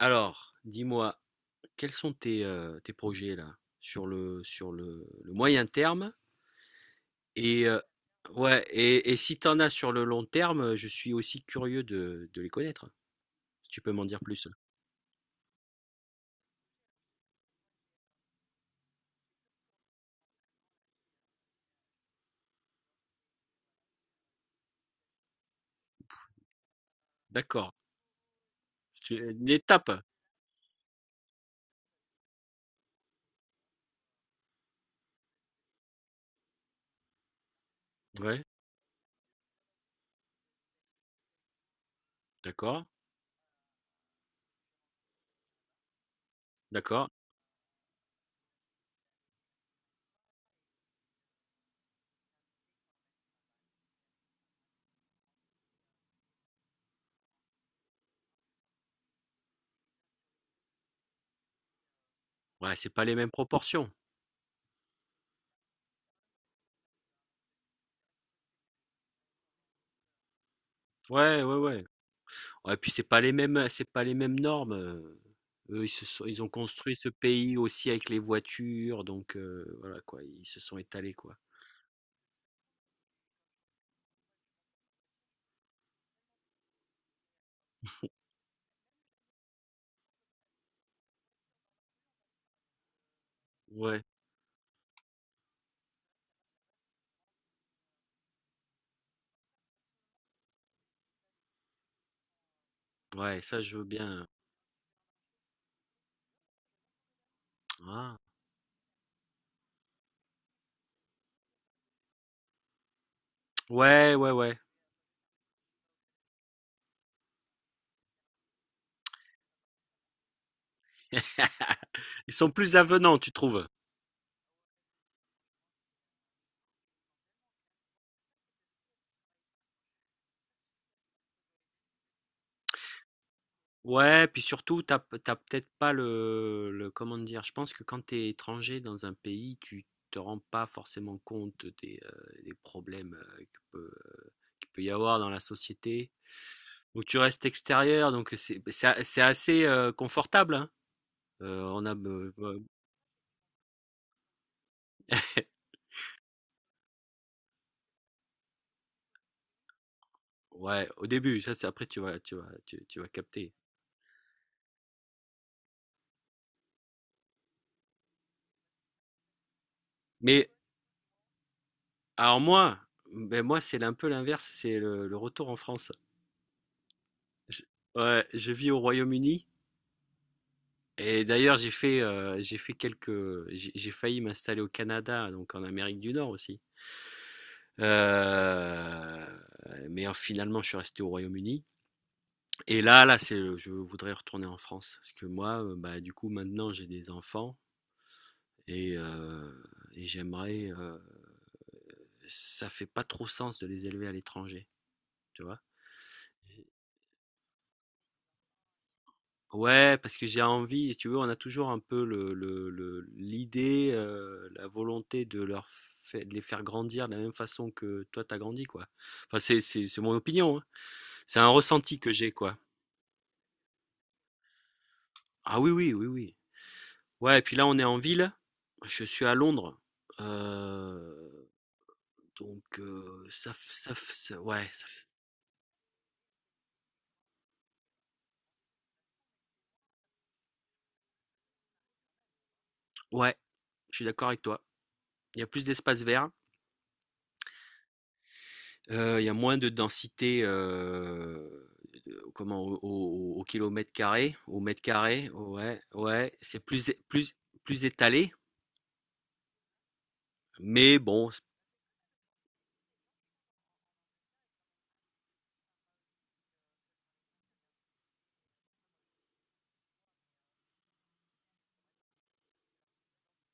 Alors, dis-moi, quels sont tes projets là sur le moyen terme et euh, et si t'en as sur le long terme, je suis aussi curieux de les connaître. Si tu peux m'en dire plus. D'accord. C'est une étape. Ouais. D'accord. D'accord. Ouais, c'est pas les mêmes proportions. Ouais, ouais, ouais. Ouais, puis c'est pas les mêmes normes. Eux, ils ont construit ce pays aussi avec les voitures, voilà quoi, ils se sont étalés quoi. Ouais. Ouais, ça je veux bien. Ah. Ouais, ouais, ouais. Ils sont plus avenants, tu trouves? Ouais, puis surtout, t'as peut-être pas le- Comment dire? Je pense que quand t'es étranger dans un pays, tu te rends pas forcément compte des problèmes que qu'il peut y avoir dans la société. Donc tu restes extérieur, donc c'est c'est assez confortable, hein. Euh, on a, euh, euh, ouais, au début, ça, c'est- après tu vas capter. Mais Alors moi, ben moi c'est un peu l'inverse, c'est le retour en France. Je ouais, je vis au Royaume-Uni et d'ailleurs j'ai fait quelques j'ai failli m'installer au Canada, donc en Amérique du Nord aussi. Heu, mais en finalement je suis resté au Royaume-Uni et là c'est le je voudrais retourner en France parce que moi, bah, du coup maintenant j'ai des enfants et heu et ça fait pas trop sens de les élever à l'étranger, tu vois? Ouais, parce que j'ai envie, si tu veux, on a toujours un peu le l'idée, la volonté de leur fai de les faire grandir de la même façon que toi t'as grandi, quoi. Enfin, c'est mon opinion, hein. C'est un ressenti que j'ai, quoi. Ah oui, oui, oui, oui. Ouais et puis là, on est en ville, je suis à Londres, heu, donc ça f ça f ça ouais, ça f ouais, je suis d'accord avec toi. Il y a plus d'espace vert. Il y a moins de densité comment, au kilomètre carré, au mètre carré, ouais, ouais, c'est plus, plus étalé, mais bon,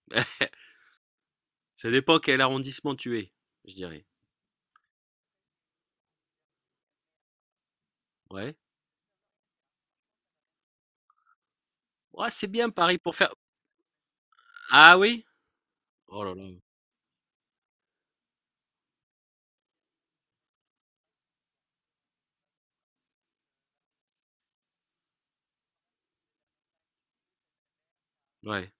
ça dépend quel arrondissement tu es, je dirais. Ouais. Ouais, c'est bien Paris pour faire. Ah oui? Oh là là. Ouais,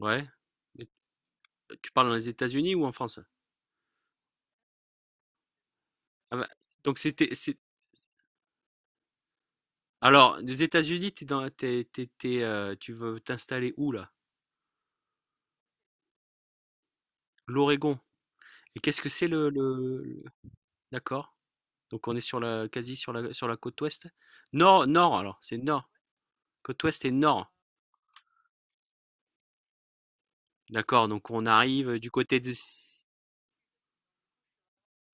ouais. Mais Tu parles dans les États-Unis ou en France? Ah bah, donc c'était, c'est... Alors, des États-Unis, t'es, tu veux t'installer où là? L'Oregon. Et qu'est-ce que c'est le- D'accord. Donc on est sur la, quasi sur sur la côte ouest. Nord, nord, alors, c'est nord. Côte ouest et nord. D'accord, donc on arrive du côté de...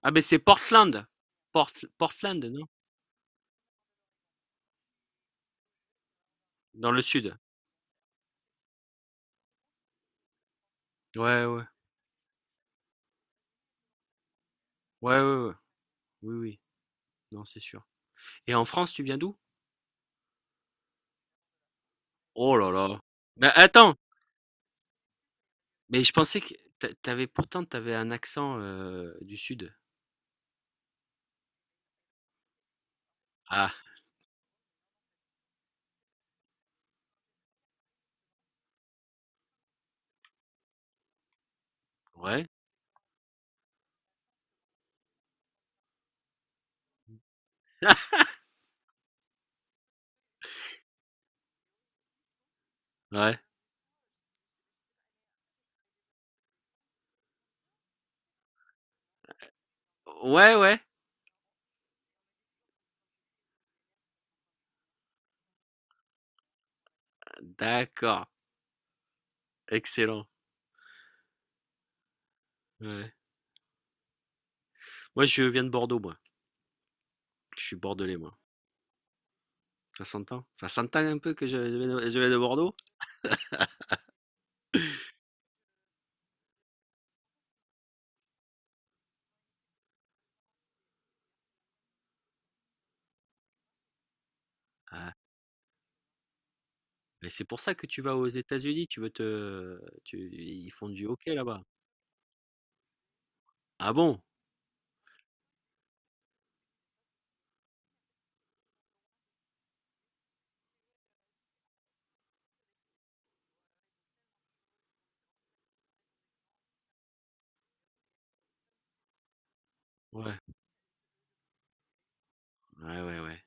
Ah ben c'est Portland. Port- Portland, non? Dans le sud. Ouais, ouais. Ouais, ouais, ouais. Oui, oui. Non, c'est sûr. Et en France, tu viens d'où? Oh là là. Mais attends, mais je pensais que t'avais un accent du sud. Ah, ouais. Ouais. Ouais, ouais. D'accord. Excellent. Ouais. Moi, je viens de Bordeaux, moi. Je suis bordelais, moi. Ça s'entend. Ça s'entend un peu que je viens je viens de Bordeaux. Ah, mais c'est pour ça que tu vas aux États-Unis. Tu veux te, tu- ils font du hockey là-bas. Ah bon? Ouais, ouais, ouais, ouais.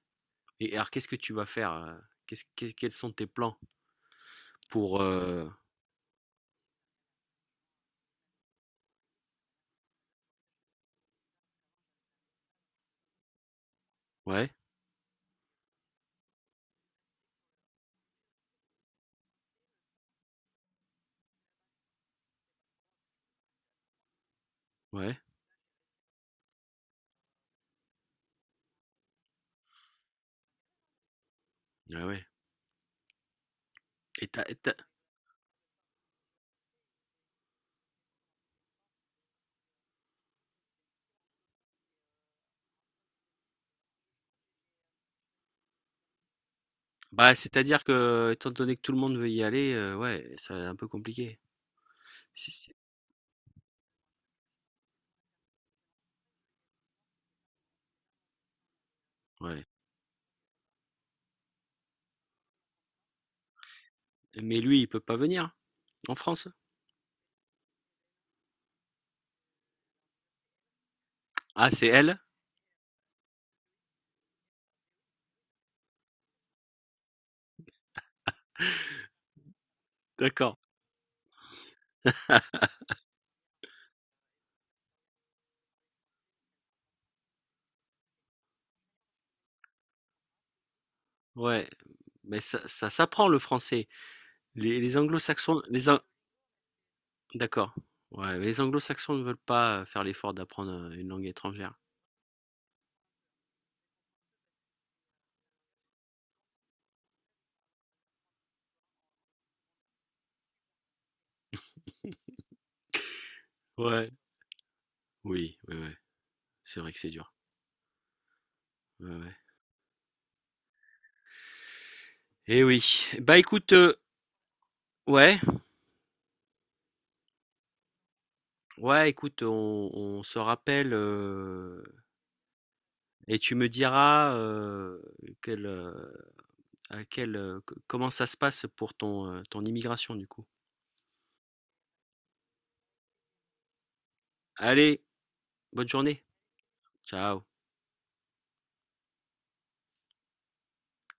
Et alors, qu'est-ce que tu vas faire? Quels sont tes plans pour Ouais, ouais, ouais, ouais. Et t'as- et t'as- Bah, c'est-à-dire que, étant donné que tout le monde veut y aller, ouais, c'est un peu compliqué. Si, si. Ouais. Mais lui, il peut pas venir en France. Ah, c'est elle? D'accord. Ouais. Mais ça s'apprend le français. Les anglo-saxons, d'accord. Ouais, mais les anglo-saxons ne veulent pas faire l'effort d'apprendre une langue étrangère. Ouais. Oui, ouais, ouais. C'est vrai que c'est dur. Ouais, ouais. Eh oui. Bah écoute, ouais, ouais, écoute, on se rappelle et tu me diras quel, euh, à quel, comment ça se passe pour ton, ton immigration du coup. Allez, bonne journée. Ciao.